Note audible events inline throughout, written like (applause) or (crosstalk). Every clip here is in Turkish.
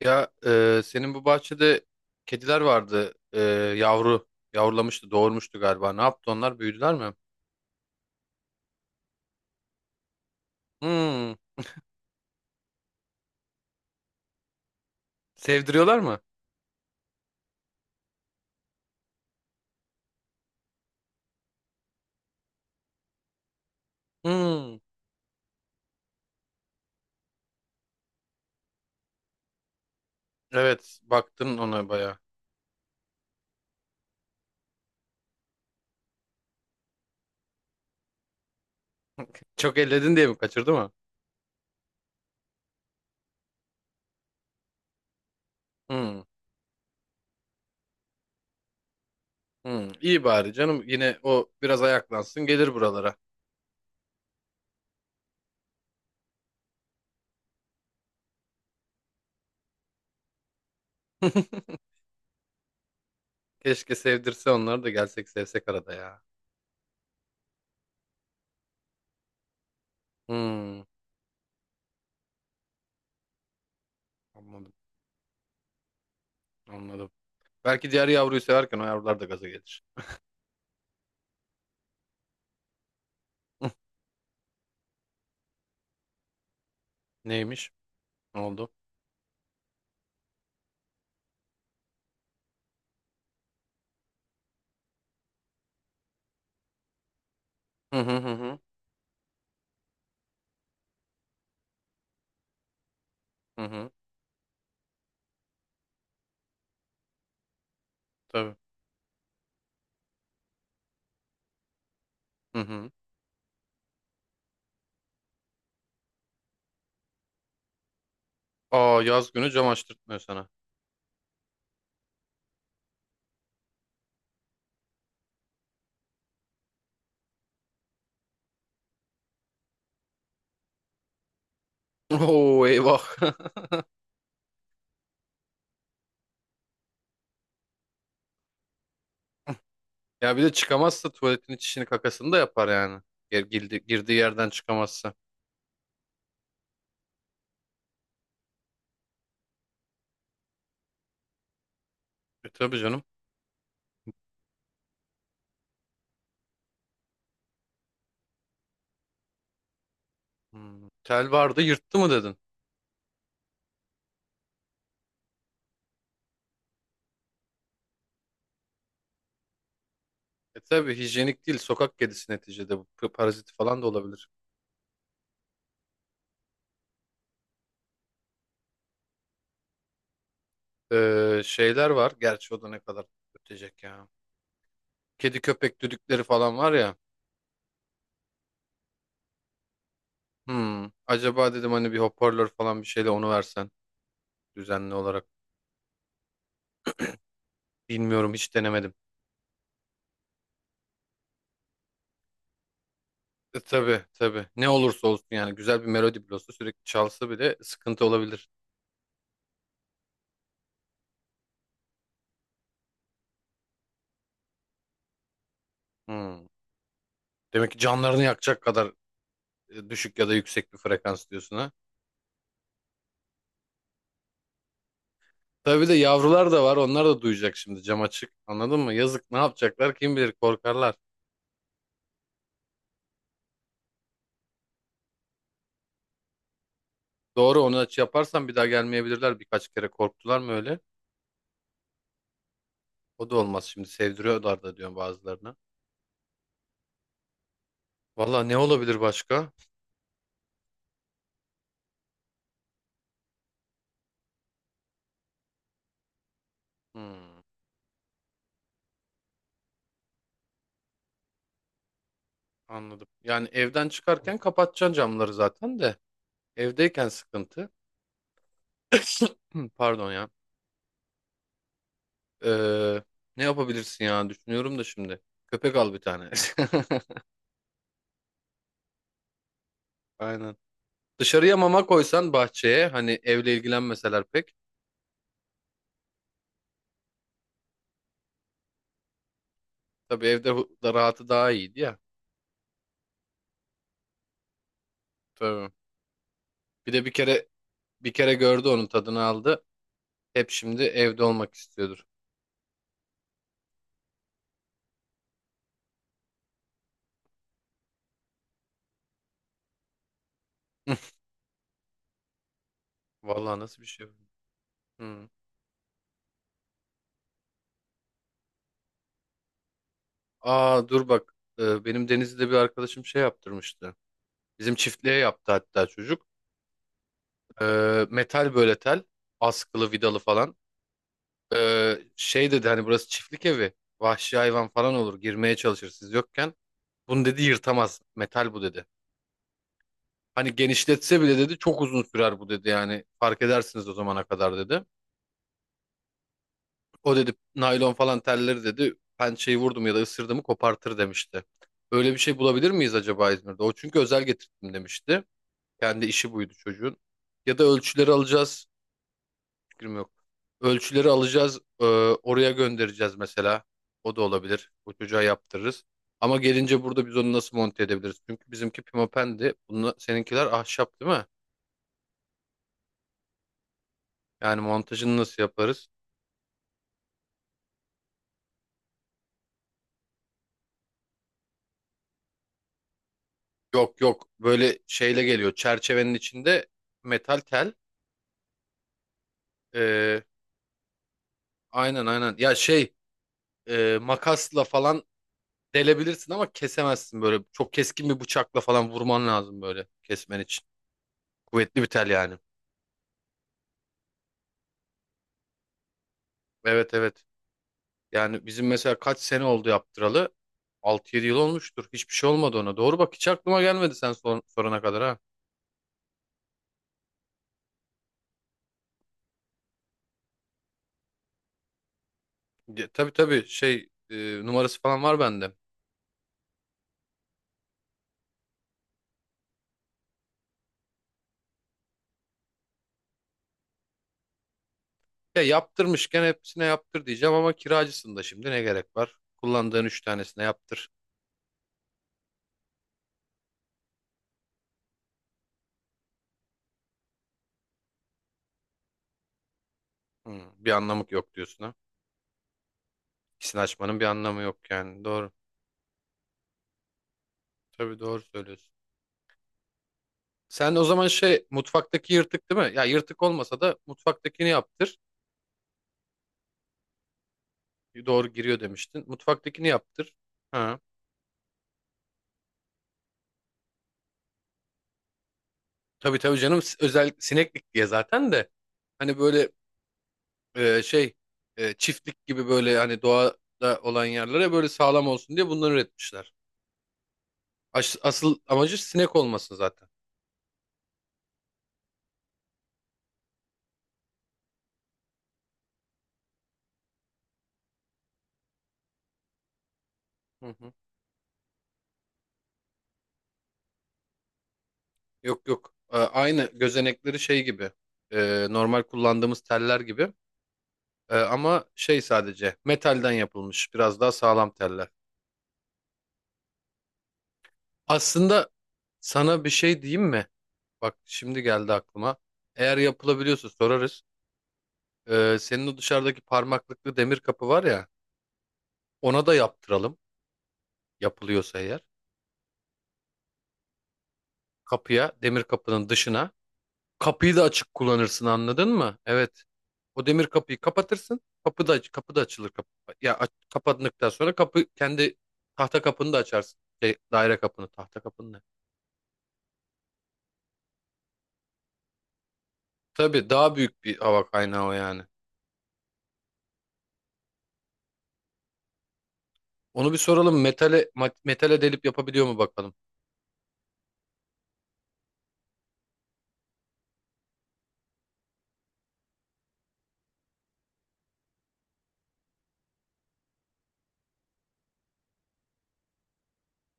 Ya senin bu bahçede kediler vardı. Yavru yavrulamıştı, doğurmuştu galiba. Ne yaptı onlar? Büyüdüler mi? Hmm. Sevdiriyorlar mı? Hmm. Evet, baktın ona baya. (laughs) Çok elledin diye mi kaçırdı mı? Hmm. Hmm. İyi bari canım. Yine o biraz ayaklansın, gelir buralara. (laughs) Keşke sevdirse onları da gelsek sevsek arada ya. Hmm. Anladım. Anladım. Belki diğer yavruyu severken o yavrular da gaza gelir. Neymiş? Ne oldu? Hı hı hı hı. Hı hı. Tabii. Hı hı. Aa yaz günü cam açtırtmıyor sana. (laughs) Oo eyvah. (laughs) Ya bir de çıkamazsa tuvaletin içini kakasını da yapar yani. Girdi, girdiği yerden çıkamazsa. E tabii canım. Hmm. Tel vardı yırttı mı dedin? E tabii hijyenik değil sokak kedisi neticede bu parazit falan da olabilir. Şeyler var gerçi o da ne kadar ötecek ya. Kedi köpek düdükleri falan var ya. Hmm. Acaba dedim hani bir hoparlör falan bir şeyle onu versen düzenli olarak. Bilmiyorum hiç denemedim. Tabii tabii. Ne olursa olsun yani güzel bir melodi bile olsa sürekli çalsa bile sıkıntı olabilir. Hmm. Demek ki canlarını yakacak kadar düşük ya da yüksek bir frekans diyorsun ha. Tabii de yavrular da var. Onlar da duyacak şimdi cam açık. Anladın mı? Yazık ne yapacaklar kim bilir korkarlar. Doğru onu aç yaparsan bir daha gelmeyebilirler. Birkaç kere korktular mı öyle? O da olmaz şimdi sevdiriyorlar da diyor bazılarına. Valla ne olabilir başka? Hmm, anladım. Yani evden çıkarken kapatacaksın camları zaten de. Evdeyken sıkıntı. (laughs) (clears throat) Pardon ya. Ee, ne yapabilirsin ya? Düşünüyorum da şimdi. Köpek al bir tane. (laughs) Aynen. Dışarıya mama koysan bahçeye hani evle ilgilenmeseler pek. Tabii evde da rahatı daha iyiydi ya. Tabii. Bir de bir kere gördü onun tadını aldı. Hep şimdi evde olmak istiyordur. (laughs) Vallahi nasıl bir şey bu? Hmm. Aa dur bak. Benim Denizli'de bir arkadaşım şey yaptırmıştı. Bizim çiftliğe yaptı hatta çocuk. Metal böyle tel. Askılı vidalı falan. Şey dedi hani burası çiftlik evi. Vahşi hayvan falan olur. Girmeye çalışır siz yokken. Bunu dedi yırtamaz. Metal bu dedi. Hani genişletse bile dedi çok uzun sürer bu dedi yani. Fark edersiniz o zamana kadar dedi. O dedi naylon falan telleri dedi pençeyi vurdum ya da ısırdım kopartır demişti. Öyle bir şey bulabilir miyiz acaba İzmir'de? O çünkü özel getirdim demişti. Kendi işi buydu çocuğun. Ya da ölçüleri alacağız. Fikrim yok. Ölçüleri alacağız, oraya göndereceğiz mesela. O da olabilir. O çocuğa yaptırırız. Ama gelince burada biz onu nasıl monte edebiliriz? Çünkü bizimki pimapendi. Bunla, seninkiler ahşap değil mi? Yani montajını nasıl yaparız? Yok yok. Böyle şeyle geliyor. Çerçevenin içinde metal tel. E, aynen aynen. Ya şey makasla falan delebilirsin ama kesemezsin böyle. Çok keskin bir bıçakla falan vurman lazım böyle kesmen için. Kuvvetli bir tel yani. Evet evet. Yani bizim mesela kaç sene oldu yaptıralı? 6-7 yıl olmuştur. Hiçbir şey olmadı ona. Doğru bak hiç aklıma gelmedi sen sorana kadar ha. Ya, tabii tabii şey numarası falan var bende. Ya yaptırmışken hepsine yaptır diyeceğim ama kiracısın da şimdi ne gerek var? Kullandığın 3 tanesine yaptır. Hmm, bir anlamı yok diyorsun ha. İkisini açmanın bir anlamı yok yani. Doğru. Tabii doğru söylüyorsun. Sen o zaman şey mutfaktaki yırtık değil mi? Ya yırtık olmasa da mutfaktakini yaptır. Doğru giriyor demiştin. Mutfaktakini yaptır. Ha. Tabii tabii canım özel sineklik diye zaten de hani böyle şey çiftlik gibi böyle hani doğada olan yerlere böyle sağlam olsun diye bunları üretmişler. Asıl amacı sinek olması zaten. Hı hı. Yok yok. Aynı gözenekleri şey gibi normal kullandığımız teller gibi. Ama şey sadece metalden yapılmış biraz daha sağlam teller. Aslında sana bir şey diyeyim mi? Bak şimdi geldi aklıma. Eğer yapılabiliyorsa sorarız. Senin o dışarıdaki parmaklıklı demir kapı var ya, ona da yaptıralım. Yapılıyorsa eğer. Kapıya, demir kapının dışına. Kapıyı da açık kullanırsın anladın mı? Evet. O demir kapıyı kapatırsın. Kapı da açılır. Kapı. Ya kapandıktan sonra kapı kendi tahta kapını da açarsın. Şey, daire kapını, tahta kapını da. Tabii daha büyük bir hava kaynağı o yani. Onu bir soralım. Metale, metale delip yapabiliyor mu bakalım.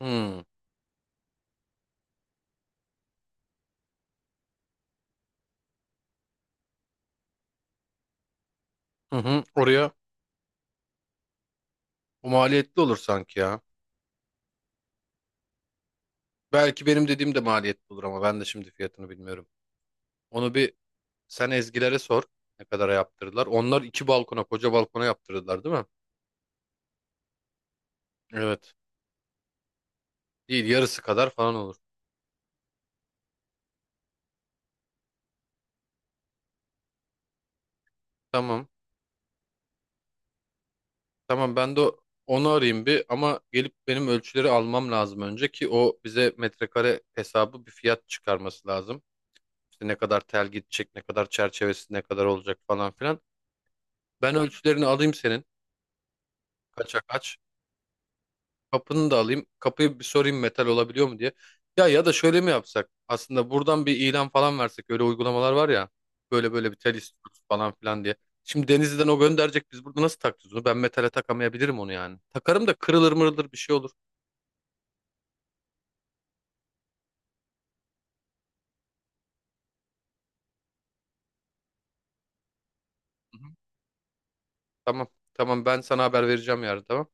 Hmm. Hı hı. Oraya o maliyetli olur sanki ya. Belki benim dediğim de maliyet olur ama ben de şimdi fiyatını bilmiyorum. Onu bir sen Ezgilere sor. Ne kadara yaptırdılar? Onlar iki balkona, koca balkona yaptırdılar değil mi? Evet. Değil yarısı kadar falan olur. Tamam. Tamam ben de onu arayayım bir ama gelip benim ölçüleri almam lazım önce ki o bize metrekare hesabı bir fiyat çıkarması lazım. İşte ne kadar tel gidecek, ne kadar çerçevesi ne kadar olacak falan filan. Ben ölçülerini alayım senin. Kaça kaç? Kapını da alayım. Kapıyı bir sorayım metal olabiliyor mu diye. Ya ya da şöyle mi yapsak? Aslında buradan bir ilan falan versek. Öyle uygulamalar var ya. Böyle böyle bir tel istiyoruz falan filan diye. Şimdi Denizli'den o gönderecek. Biz burada nasıl takacağız onu? Ben metale takamayabilirim onu yani. Takarım da kırılır mırılır bir şey olur. Hı hı. Tamam. Tamam ben sana haber vereceğim yarın tamam.